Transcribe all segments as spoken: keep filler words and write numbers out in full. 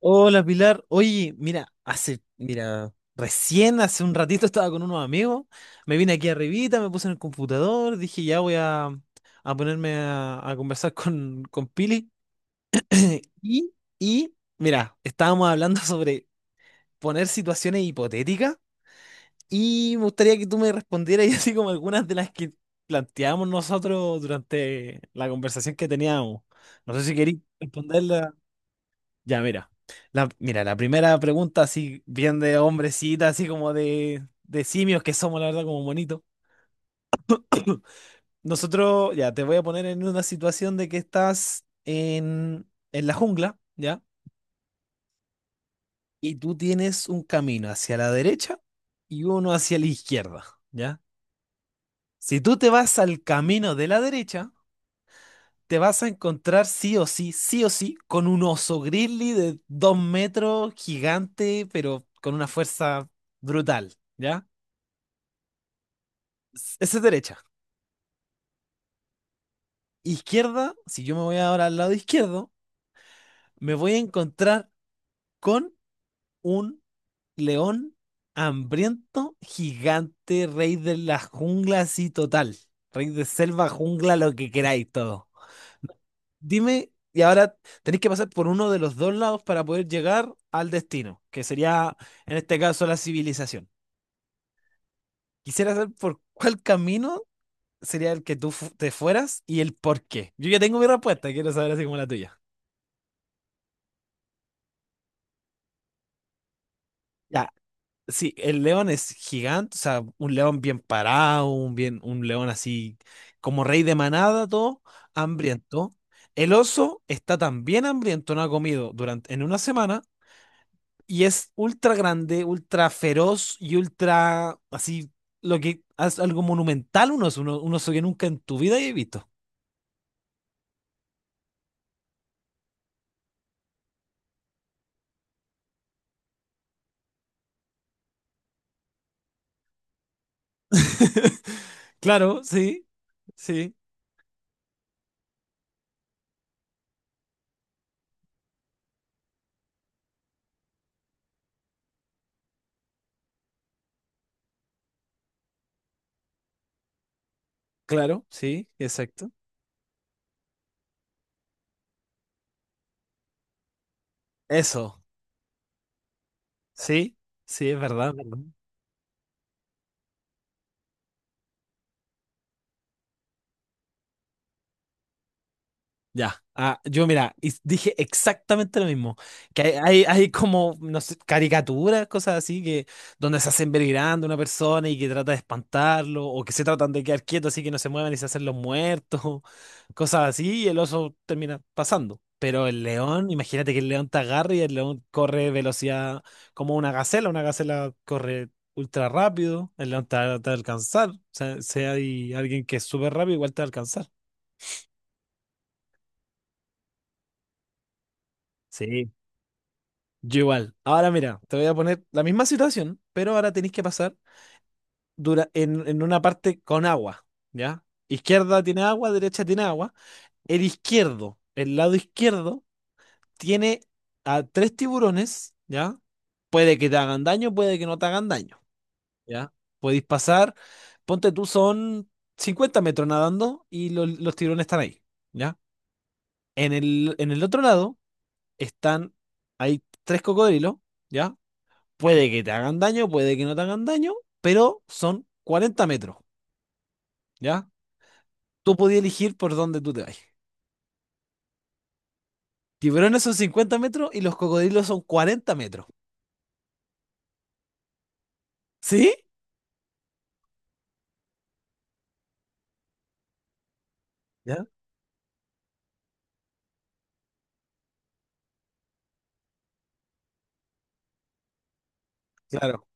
Hola Pilar, oye, mira, hace, mira, recién hace un ratito estaba con unos amigos, me vine aquí arribita, me puse en el computador, dije ya voy a, a ponerme a, a conversar con, con Pili y, y, mira, estábamos hablando sobre poner situaciones hipotéticas y me gustaría que tú me respondieras y así como algunas de las que planteamos nosotros durante la conversación que teníamos. No sé si queréis responderla ya, mira. La, mira, la primera pregunta, así bien de hombrecita, así como de, de simios que somos, la verdad, como bonitos. Nosotros, ya, te voy a poner en una situación de que estás en, en la jungla, ¿ya? Y tú tienes un camino hacia la derecha y uno hacia la izquierda, ¿ya? Si tú te vas al camino de la derecha, te vas a encontrar sí o sí, sí o sí, con un oso grizzly de dos metros, gigante, pero con una fuerza brutal, ¿ya? Esa es derecha. Izquierda, si yo me voy ahora al lado izquierdo, me voy a encontrar con un león hambriento, gigante, rey de la jungla, así total. Rey de selva, jungla, lo que queráis, todo. Dime, y ahora tenéis que pasar por uno de los dos lados para poder llegar al destino, que sería, en este caso, la civilización. Quisiera saber por cuál camino sería el que tú fu- te fueras y el por qué. Yo ya tengo mi respuesta, quiero saber así como la tuya. Ya. Sí, el león es gigante, o sea, un león bien parado, un, bien, un león así como rey de manada, todo hambriento. El oso está también hambriento, no ha comido durante, en una semana y es ultra grande, ultra feroz y ultra así, lo que es algo monumental, un oso, uno- un oso que nunca en tu vida he visto. Claro, sí, sí, claro, sí, exacto. Eso, sí, sí, es verdad, es verdad. Ya, ah, yo mira, y dije exactamente lo mismo, que hay, hay, hay como, no sé, caricaturas, cosas así, que donde se hacen ver grande una persona y que trata de espantarlo, o que se tratan de quedar quietos así que no se muevan y se hacen los muertos, cosas así, y el oso termina pasando. Pero el león, imagínate que el león te agarra y el león corre velocidad como una gacela, una gacela corre ultra rápido, el león te va te va a alcanzar, o sea, si hay alguien que es súper rápido, igual te va a alcanzar. Sí. Yo igual. Ahora mira, te voy a poner la misma situación, pero ahora tenéis que pasar dura- en, en una parte con agua, ¿ya? Izquierda tiene agua, derecha tiene agua. El izquierdo, el lado izquierdo, tiene a tres tiburones, ¿ya? Puede que te hagan daño, puede que no te hagan daño, ¿ya? Podéis pasar, ponte tú, son cincuenta metros nadando y los, los tiburones están ahí, ¿ya? En el, en el otro lado están, hay tres cocodrilos. ¿Ya? Puede que te hagan daño, puede que no te hagan daño, pero son cuarenta metros, ¿ya? Tú podías elegir por dónde tú te vas. Tiburones son cincuenta metros y los cocodrilos son cuarenta metros. ¿Sí? ¿Ya? Claro,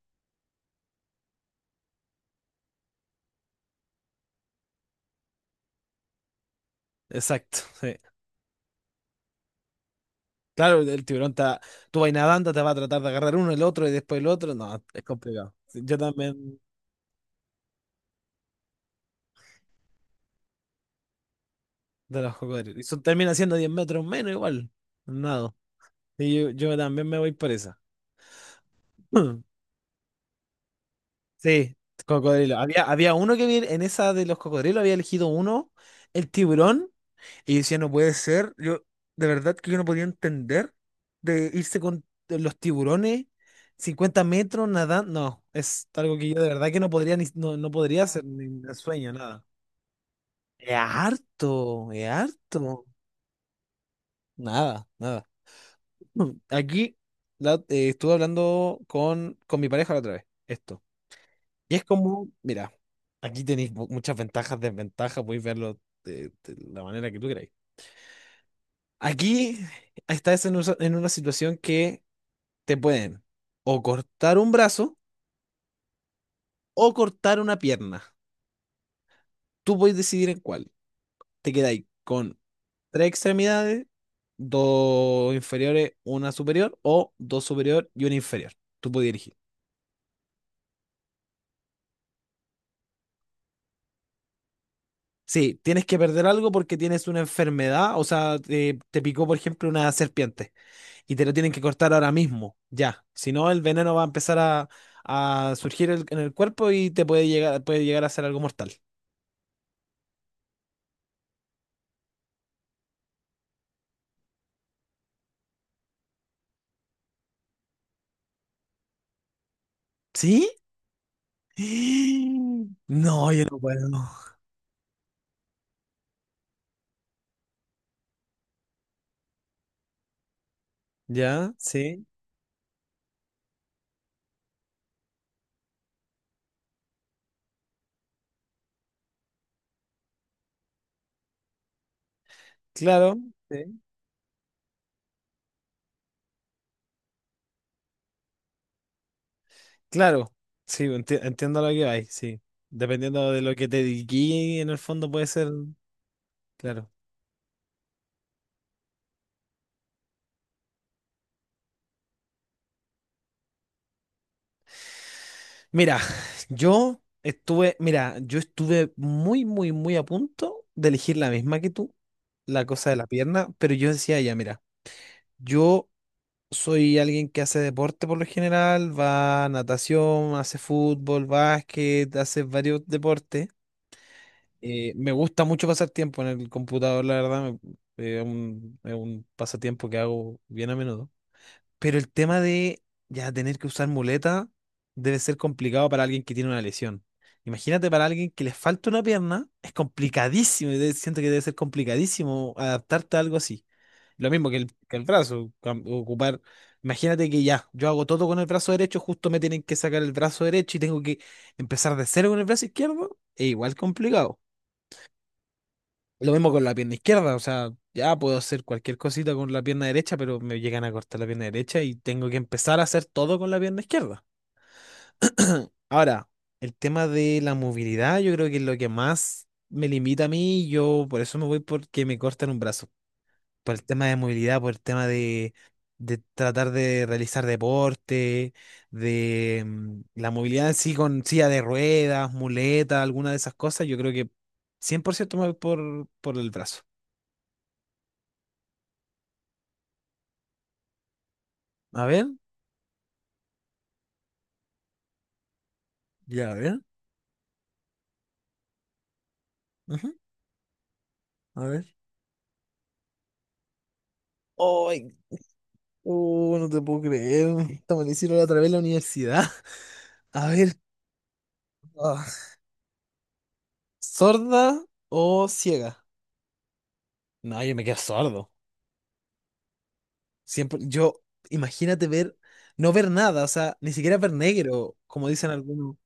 exacto. Sí. Claro, el tiburón te va- tú vas nadando, te va a tratar de agarrar uno, el otro y después el otro. No, es complicado. Sí, yo también de los cocodrilos. Y son, termina siendo diez metros menos igual. Nado. Y yo, yo también me voy por esa. Sí, cocodrilo. Había, había uno que vi en esa de los cocodrilos, había elegido uno, el tiburón, y decía, no puede ser. Yo, de verdad que yo no podía entender de irse con los tiburones, cincuenta metros nadando. No, es algo que yo de verdad que no podría ni, no, no podría hacer ni de sueño, nada. Es harto, es harto. Nada, nada. Aquí la- eh, estuve hablando con, con mi pareja la otra vez. Esto. Y es como, mira, aquí tenéis mu- muchas ventajas, desventajas, podéis verlo de, de la manera que tú queráis. Aquí estás en, usa- en una situación que te pueden o cortar un brazo o cortar una pierna. Tú podéis decidir en cuál. Te quedáis con tres extremidades, dos inferiores, una superior o dos superior y una inferior. Tú podías elegir. Sí, tienes que perder algo porque tienes una enfermedad, o sea, te, te picó, por ejemplo, una serpiente. Y te lo tienen que cortar ahora mismo, ya. Si no, el veneno va a empezar a, a surgir el- en el cuerpo y te puede llegar, puede llegar a ser algo mortal. ¿Sí? No, yo no puedo. Ya, sí, claro, sí, claro. Sí, enti- entiendo lo que hay, sí. Dependiendo de lo que te dediqué, en el fondo puede ser, claro. Mira, yo estuve, mira, yo estuve muy, muy, muy a punto de elegir la misma que tú, la cosa de la pierna, pero yo decía, ya, mira. Yo soy alguien que hace deporte por lo general, va a natación, hace fútbol, básquet, hace varios deportes. Eh, me gusta mucho pasar tiempo en el computador, la verdad, me- eh, es un, es un pasatiempo que hago bien a menudo. Pero el tema de ya tener que usar muleta debe ser complicado para alguien que tiene una lesión. Imagínate para alguien que le falta una pierna, es complicadísimo, y de- siento que debe ser complicadísimo adaptarte a algo así. Lo mismo que el, que el brazo, cam- ocupar. Imagínate que ya, yo hago todo con el brazo derecho, justo me tienen que sacar el brazo derecho y tengo que empezar de cero con el brazo izquierdo, es igual complicado. Lo mismo con la pierna izquierda, o sea, ya puedo hacer cualquier cosita con la pierna derecha, pero me llegan a cortar la pierna derecha y tengo que empezar a hacer todo con la pierna izquierda. Ahora, el tema de la movilidad, yo creo que es lo que más me limita a mí, yo por eso me voy porque me cortan un brazo. Por el tema de movilidad, por el tema de, de tratar de realizar deporte, de mm, la movilidad en sí con silla de ruedas, muleta, alguna de esas cosas, yo creo que cien por ciento me voy por, por el brazo. A ver. Ya, a ver. Ajá, a ver. ¡Ay! Uh, no te puedo creer. Esta me la hicieron la otra vez en la universidad. A ver, ah, ¿sorda o ciega? No, yo me quedo sordo. Siempre, yo, imagínate ver, no ver nada, o sea, ni siquiera ver negro, como dicen algunos.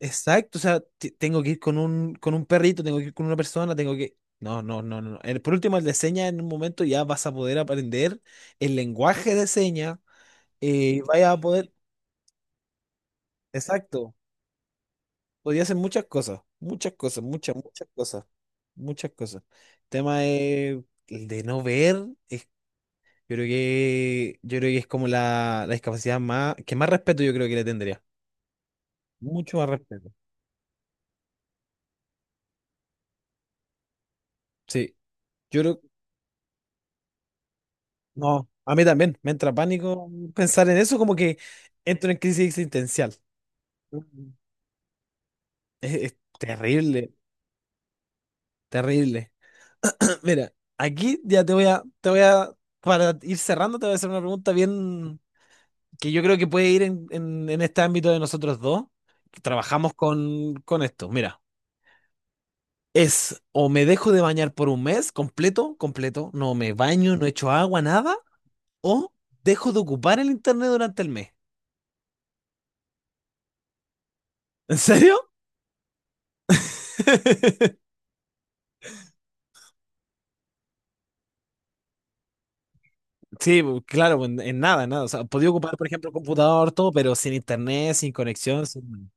Exacto, o sea, te- tengo que ir con un, con un perrito, tengo que ir con una persona, tengo que... No, no, no, no. No. El- por último, el de señas en un momento ya vas a poder aprender el lenguaje de señas eh, vaya a poder... Exacto. Podía hacer muchas cosas, muchas cosas, muchas, muchas cosas, muchas cosas. El tema de, el de no ver, es- yo creo que, yo creo que es como la, la discapacidad más, que más respeto yo creo que le tendría. Mucho más respeto. Sí, yo creo, no, a mí también, me entra pánico pensar en eso, como que entro en crisis existencial. Mm. Es, es terrible, terrible. Mira, aquí ya te voy a, te voy a, para ir cerrando, te voy a hacer una pregunta bien que yo creo que puede ir en, en- en este ámbito de nosotros dos, que trabajamos con, con esto. Mira, es o me dejo de bañar por un mes completo, completo, no me baño, no echo agua, nada, o dejo de ocupar el internet durante el mes. ¿En serio? Sí, bu- claro, en, en nada, en nada. O sea, podía ocupar, por ejemplo, el computador, todo, pero sin internet, sin conexión. sin-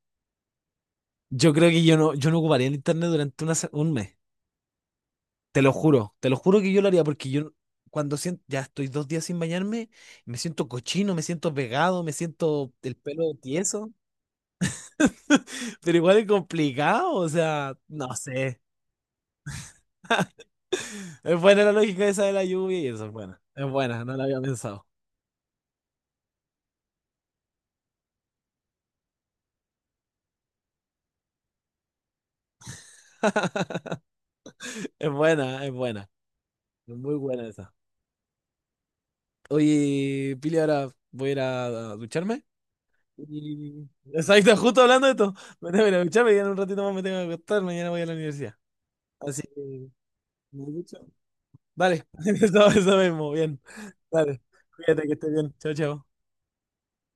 Yo creo que yo no, yo no, ocuparía el internet durante una se- un mes. Te lo juro, te lo juro que yo lo haría porque yo cuando siento, ya estoy dos días sin bañarme, me siento cochino, me siento pegado, me siento el pelo tieso, pero igual es complicado, o sea, no sé. Es buena la lógica esa de la lluvia y eso es buena. Es buena, no la había pensado. Es buena, es buena. Es muy buena esa. Oye, Pili, ahora voy a ir a, a ducharme. Y... Exacto, justo hablando de esto. Me tengo que ir a ducharme y en un ratito más me tengo que acostar, mañana voy a la universidad. Así que... Me ducho. Dale, eso, eso mismo, bien. Dale, cuídate que estés bien. Chao, chao.